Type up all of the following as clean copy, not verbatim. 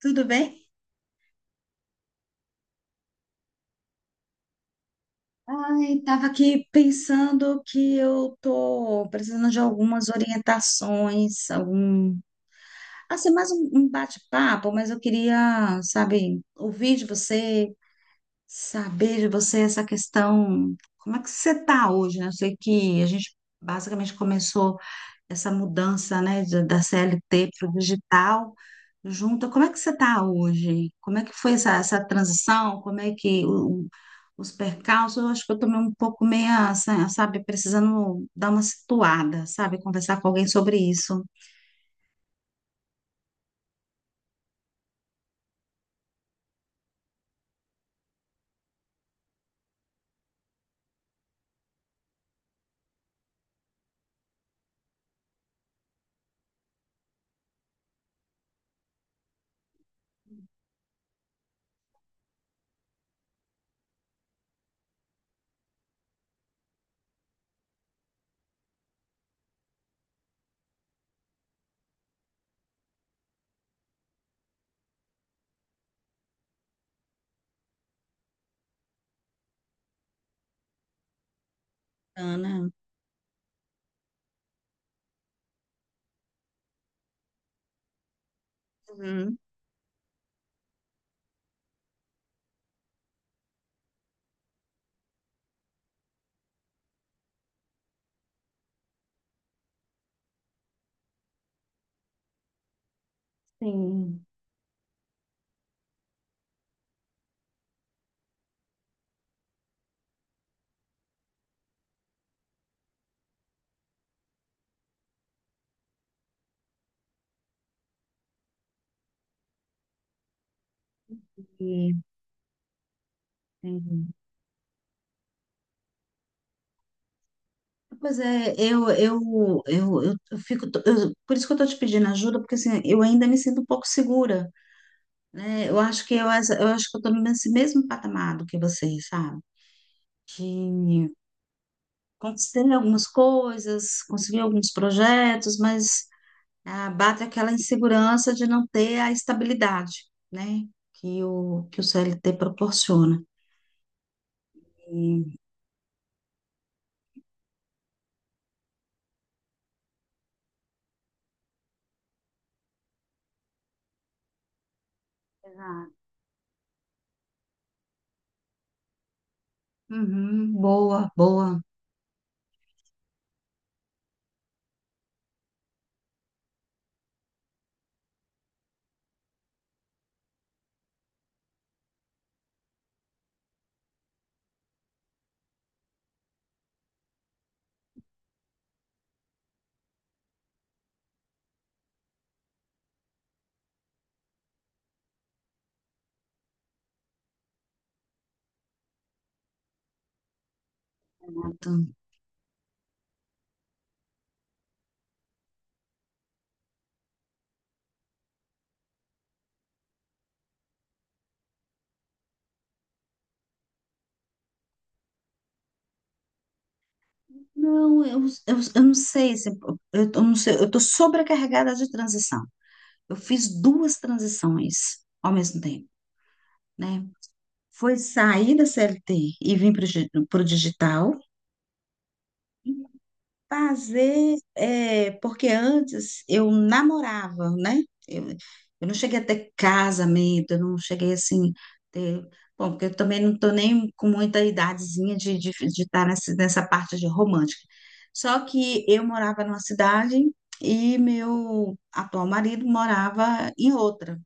Tudo bem? Ai, estava aqui pensando que eu tô precisando de algumas orientações, algum, assim, mais um bate-papo, mas eu queria, sabe, ouvir de você, saber de você essa questão, como é que você está hoje, né? Eu sei que a gente basicamente começou essa mudança, né, da CLT para o digital, junto. Como é que você está hoje? Como é que foi essa transição? Como é que o os percalços, eu acho que eu tomei um pouco meia, sabe, precisando dar uma situada, sabe, conversar com alguém sobre isso. Ah, né. Uhum. Sim, e- entendi. Pois é, eu fico, por isso que eu estou te pedindo ajuda, porque assim, eu ainda me sinto um pouco segura, né? Eu acho que eu acho que eu estou nesse mesmo patamar do que vocês, sabe? De conseguir algumas coisas, conseguir alguns projetos, mas ah, bate aquela insegurança de não ter a estabilidade, né? Que o CLT proporciona. E- Exato. Uhum, boa, boa, Nathan. Não, eu não sei, eu, não sei, eu estou sobrecarregada de transição. Eu fiz duas transições ao mesmo tempo, né? Foi sair da CLT e vir para o digital. Fazer, é, porque antes eu namorava, né? Eu, eu não cheguei a ter casamento, eu não cheguei assim, ter, bom, porque eu também não estou nem com muita idadezinha estar nessa parte de romântica. Só que eu morava numa cidade e meu atual marido morava em outra,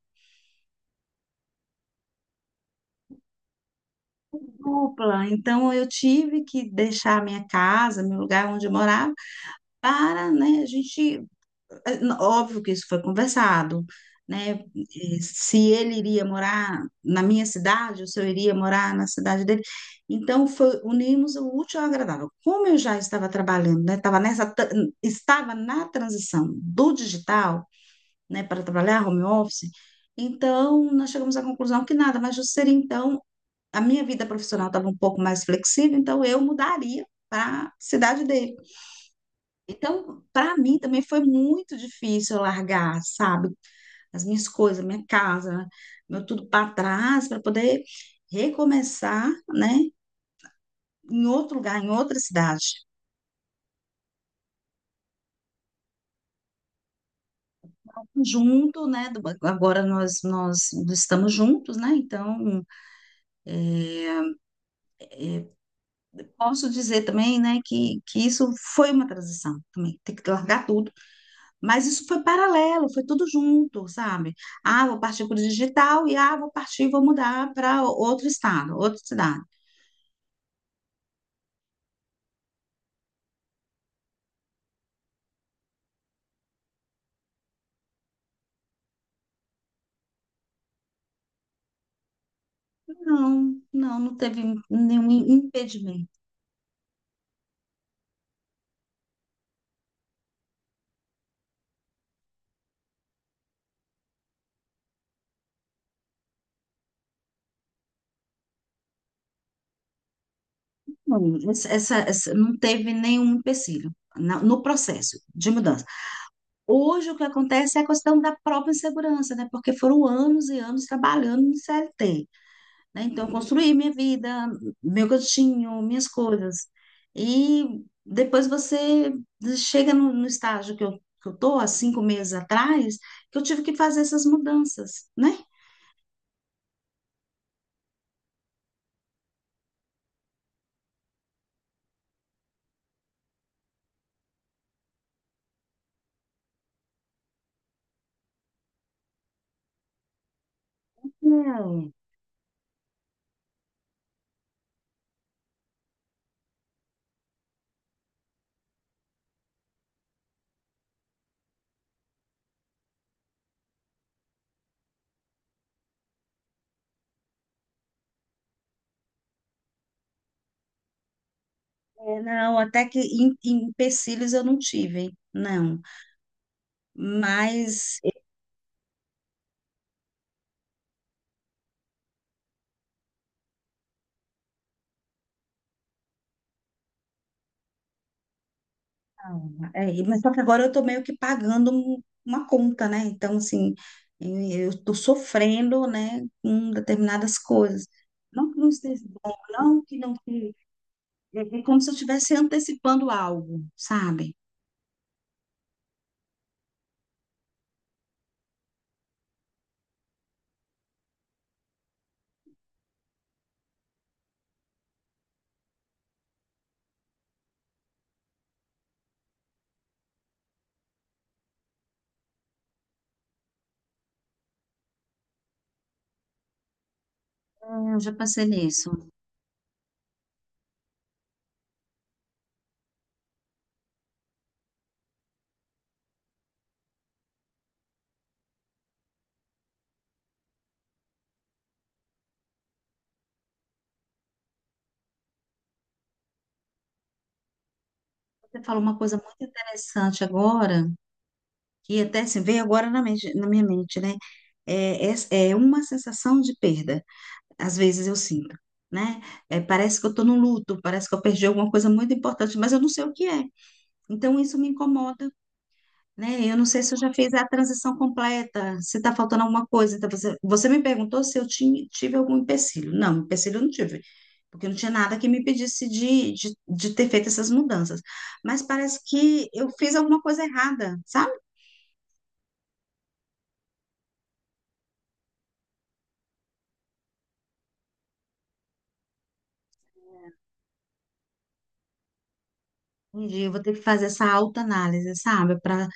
dupla. Então eu tive que deixar a minha casa, meu lugar onde eu morava, para, né, a gente. É, óbvio que isso foi conversado, né? Eh, se ele iria morar na minha cidade, ou se eu iria morar na cidade dele. Então, foi, unimos o útil ao agradável. Como eu já estava trabalhando, né? Estava estava na transição do digital, né? Para trabalhar home office. Então, nós chegamos à conclusão que nada mais justo seria, então, a minha vida profissional estava um pouco mais flexível, então eu mudaria para a cidade dele. Então, para mim também foi muito difícil eu largar, sabe, as minhas coisas, minha casa, meu tudo para trás, para poder recomeçar, né, em outro lugar, em outra cidade. Junto, né, agora nós estamos juntos, né, então posso dizer também, né, que isso foi uma transição também, ter que largar tudo, mas isso foi paralelo, foi tudo junto, sabe? Ah, vou partir para o digital e ah, vou partir, e vou mudar para outro estado, outra cidade. Não, não teve nenhum impedimento. Não, não teve nenhum empecilho no processo de mudança. Hoje, o que acontece é a questão da própria insegurança, né? Porque foram anos e anos trabalhando no CLT, né? Então, eu construí minha vida, meu cantinho, minhas coisas. E depois você chega no estágio que eu tô, há 5 meses atrás, que eu tive que fazer essas mudanças, né? É, não, até que em, em empecilhos eu não tive, não. Mas, não, é, mas só que agora eu tô meio que pagando uma conta, né? Então, assim, eu, eu tô sofrendo, né, com determinadas coisas. Não que não esteja bom, não que não que... É é como se eu estivesse antecipando algo, sabe? É, eu já pensei nisso. Você falou uma coisa muito interessante agora, que até se veio agora na minha mente, né? É, é é uma sensação de perda. Às vezes eu sinto, né? É, parece que eu estou no luto, parece que eu perdi alguma coisa muito importante, mas eu não sei o que é. Então isso me incomoda, né? Eu não sei se eu já fiz a transição completa, se está faltando alguma coisa. Então você me perguntou se eu tinha, tive algum empecilho. Não, empecilho eu não tive, porque não tinha nada que me impedisse de ter feito essas mudanças. Mas parece que eu fiz alguma coisa errada, sabe? Um dia eu vou ter que fazer essa autoanálise, sabe? Para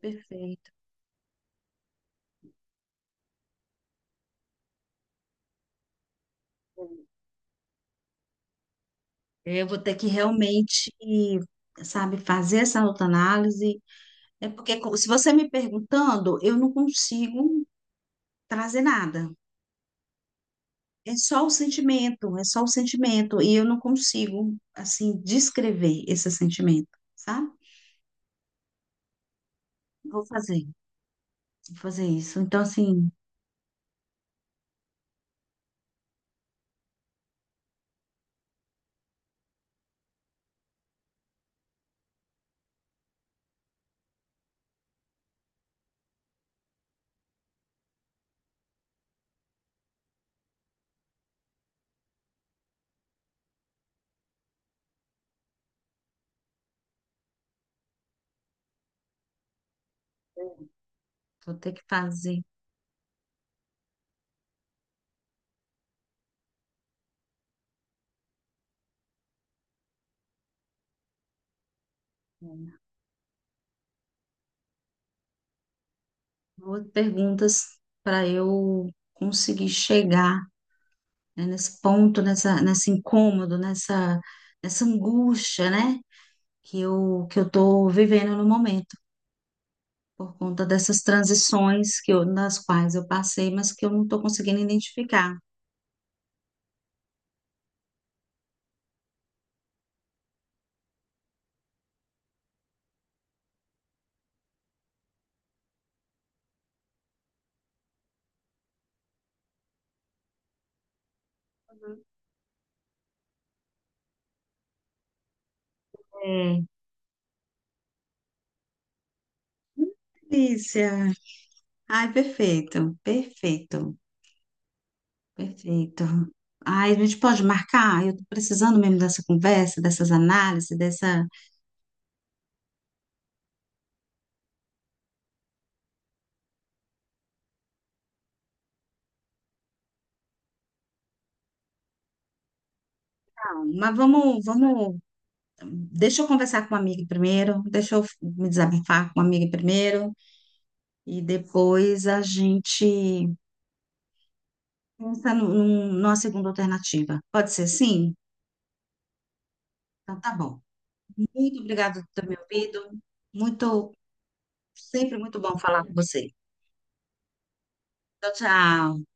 perfeito. É, eu vou ter que realmente, sabe, fazer essa autoanálise. É porque se você me perguntando, eu não consigo trazer nada. É só o sentimento, é só o sentimento. E eu não consigo, assim, descrever esse sentimento, sabe? Vou fazer, vou fazer isso. Então, assim, vou ter que fazer duas perguntas para eu conseguir chegar, né, nesse ponto, nesse incômodo, nessa angústia, né? Que eu estou vivendo no momento, por conta dessas transições que eu, nas quais eu passei, mas que eu não estou conseguindo identificar. É, delícia. Ai, perfeito, perfeito, perfeito. Ai, a gente pode marcar? Eu tô precisando mesmo dessa conversa, dessas análises, dessa. Não, mas vamos, vamos. Deixa eu conversar com uma amiga primeiro, deixa eu me desabafar com uma amiga primeiro, e depois a gente pensa numa segunda alternativa. Pode ser sim? Então tá bom. Muito obrigada por ter me ouvido. Muito, sempre muito bom falar com você. Tchau, tchau.